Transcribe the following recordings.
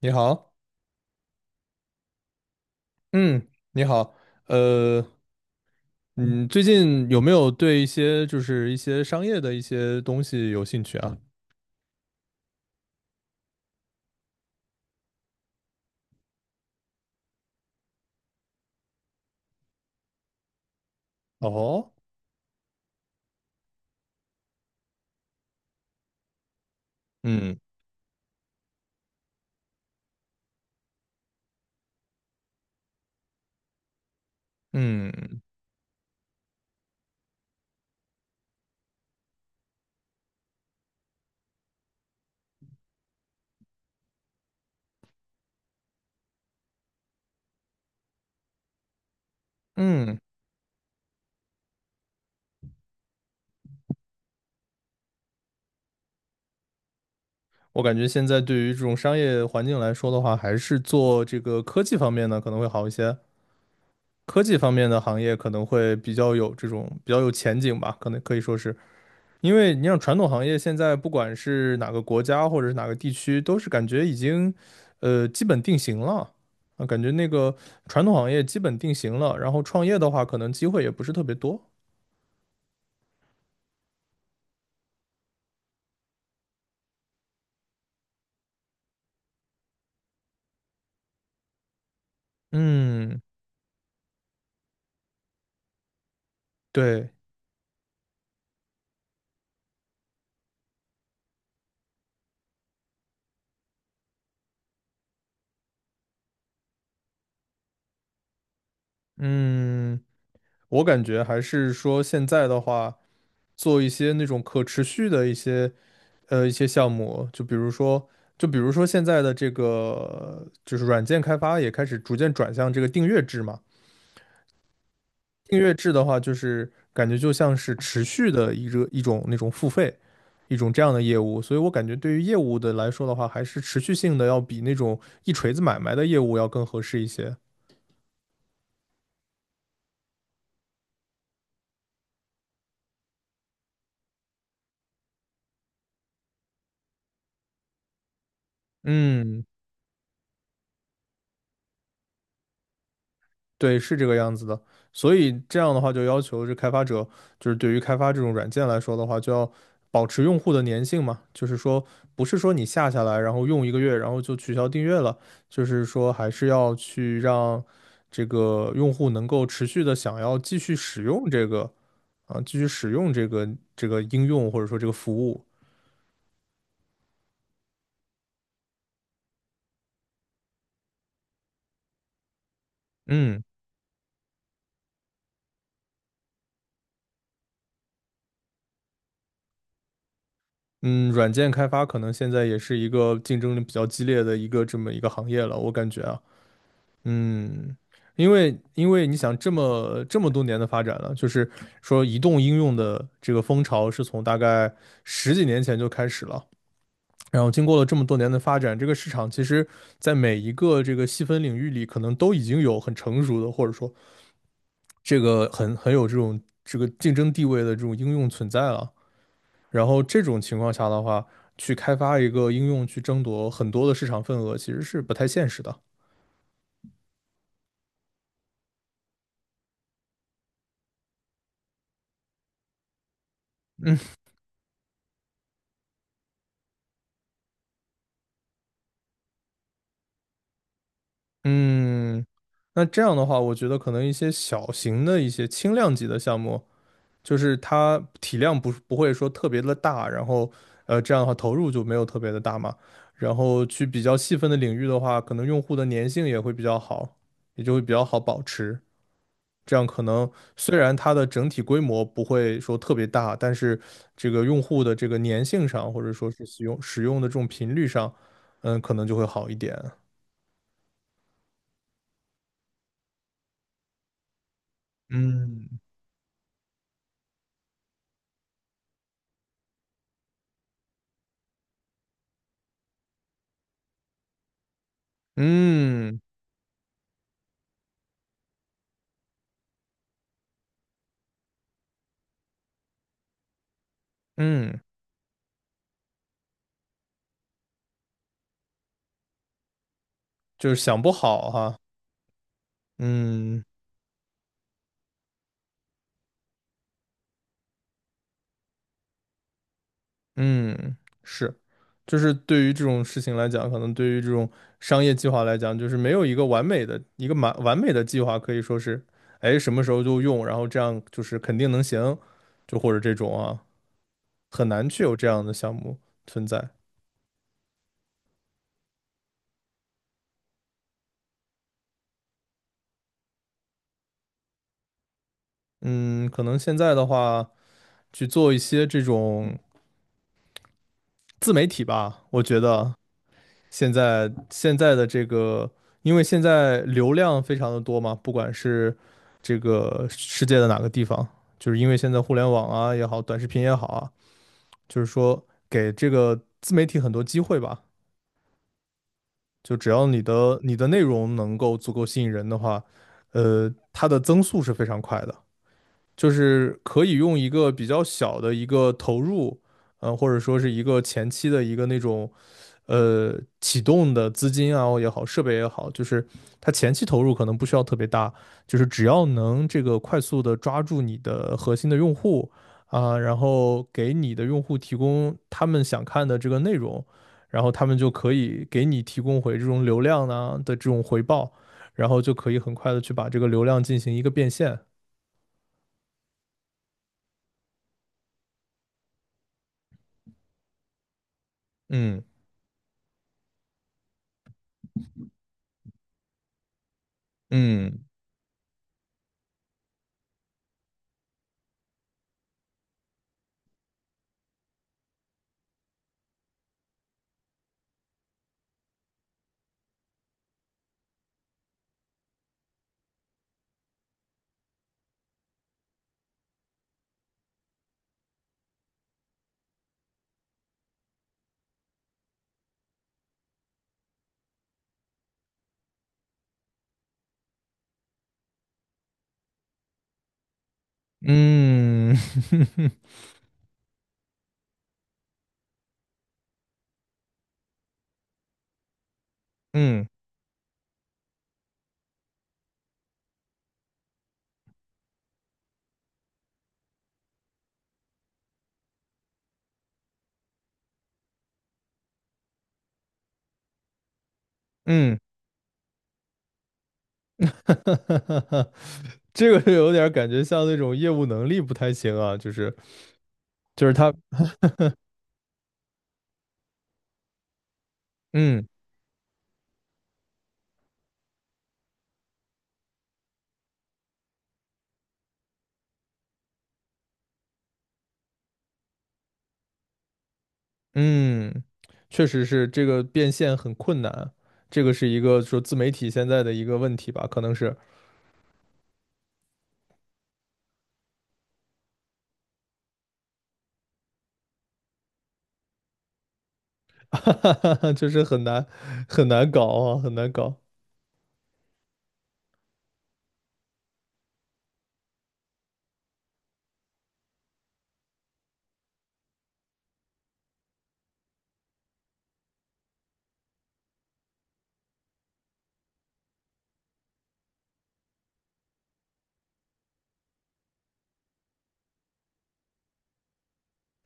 你好，嗯，你好，呃，嗯，最近有没有对一些就是一些商业的一些东西有兴趣啊？哦，嗯嗯嗯，我感觉现在对于这种商业环境来说的话，还是做这个科技方面呢可能会好一些，科技方面的行业可能会比较有这种比较有前景吧，可能可以说是。因为你像传统行业，现在不管是哪个国家或者是哪个地区，都是感觉已经，基本定型了啊，感觉那个传统行业基本定型了，然后创业的话，可能机会也不是特别多。嗯，对，嗯，我感觉还是说现在的话，做一些那种可持续的一些一些项目，就比如说现在的这个就是软件开发也开始逐渐转向这个订阅制嘛。订阅制的话，就是感觉就像是持续的一个一种那种付费，一种这样的业务，所以我感觉对于业务的来说的话，还是持续性的要比那种一锤子买卖的业务要更合适一些。嗯，对，是这个样子的。所以这样的话，就要求这开发者，就是对于开发这种软件来说的话，就要保持用户的粘性嘛。就是说，不是说你下下来，然后用一个月，然后就取消订阅了。就是说，还是要去让这个用户能够持续的想要继续使用这个啊，继续使用这个应用或者说这个服务。嗯嗯，软件开发可能现在也是一个竞争力比较激烈的一个这么一个行业了，我感觉啊。嗯，因为你想这么多年的发展了，就是说移动应用的这个风潮是从大概十几年前就开始了，然后经过了这么多年的发展，这个市场其实在每一个这个细分领域里，可能都已经有很成熟的，或者说这个很有这种这个竞争地位的这种应用存在了。然后这种情况下的话，去开发一个应用去争夺很多的市场份额，其实是不太现实的。嗯。嗯，那这样的话，我觉得可能一些小型的一些轻量级的项目，就是它体量不是不会说特别的大，然后这样的话投入就没有特别的大嘛。然后去比较细分的领域的话，可能用户的粘性也会比较好，也就会比较好保持。这样可能虽然它的整体规模不会说特别大，但是这个用户的这个粘性上，或者说是使用使用的这种频率上，嗯，可能就会好一点。嗯，嗯。嗯，就是想不好哈，嗯嗯，是，就是对于这种事情来讲，可能对于这种商业计划来讲，就是没有一个完美的一个完完美的计划，可以说是，哎，什么时候就用，然后这样就是肯定能行，就或者这种啊，很难去有这样的项目存在。嗯，可能现在的话，去做一些这种自媒体吧，我觉得现在的这个，因为现在流量非常的多嘛，不管是这个世界的哪个地方，就是因为现在互联网啊也好，短视频也好啊，就是说给这个自媒体很多机会吧。就只要你的内容能够足够吸引人的话，它的增速是非常快的，就是可以用一个比较小的一个投入，或者说是一个前期的一个那种呃启动的资金啊也好，设备也好，就是它前期投入可能不需要特别大，就是只要能这个快速的抓住你的核心的用户啊，然后给你的用户提供他们想看的这个内容，然后他们就可以给你提供回这种流量呢的这种回报，然后就可以很快的去把这个流量进行一个变现。嗯嗯嗯 嗯嗯。哈，这个就有点感觉像那种业务能力不太行啊，就是就是他，嗯嗯，确实是这个变现很困难，这个是一个说自媒体现在的一个问题吧，可能是，就是很难很难搞啊，很难搞。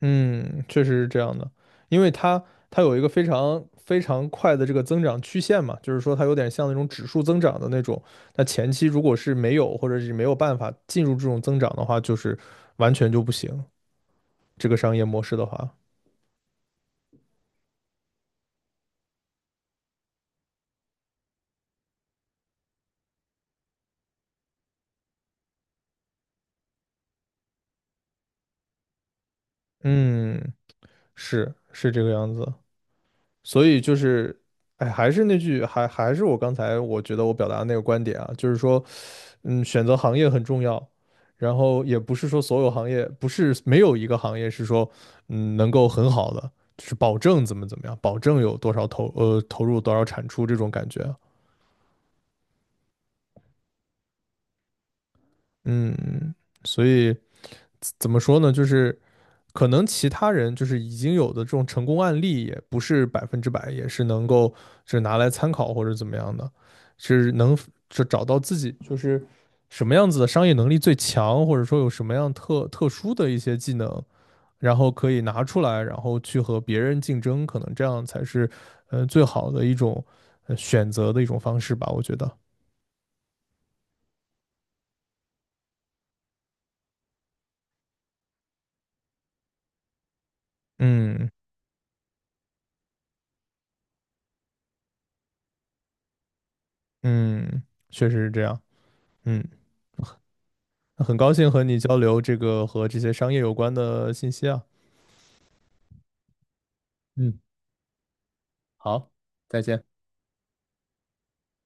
嗯，确实是这样的，因为它它有一个非常非常快的这个增长曲线嘛，就是说它有点像那种指数增长的那种。那前期如果是没有或者是没有办法进入这种增长的话，就是完全就不行。这个商业模式的话，嗯，是是这个样子。所以就是，哎，还是那句，还是我刚才我觉得我表达的那个观点啊，就是说嗯，选择行业很重要，然后也不是说所有行业，不是没有一个行业是说，嗯，能够很好的，就是保证怎么怎么样，保证有多少投投入多少产出这种感觉啊，嗯，所以怎么说呢？就是可能其他人就是已经有的这种成功案例，也不是100%，也是能够就是拿来参考或者怎么样的，是能就找到自己就是什么样子的商业能力最强，或者说有什么样特殊的一些技能，然后可以拿出来，然后去和别人竞争，可能这样才是最好的一种选择的一种方式吧，我觉得。嗯嗯，确实是这样。嗯。很高兴和你交流这个和这些商业有关的信息啊。嗯，好，再见。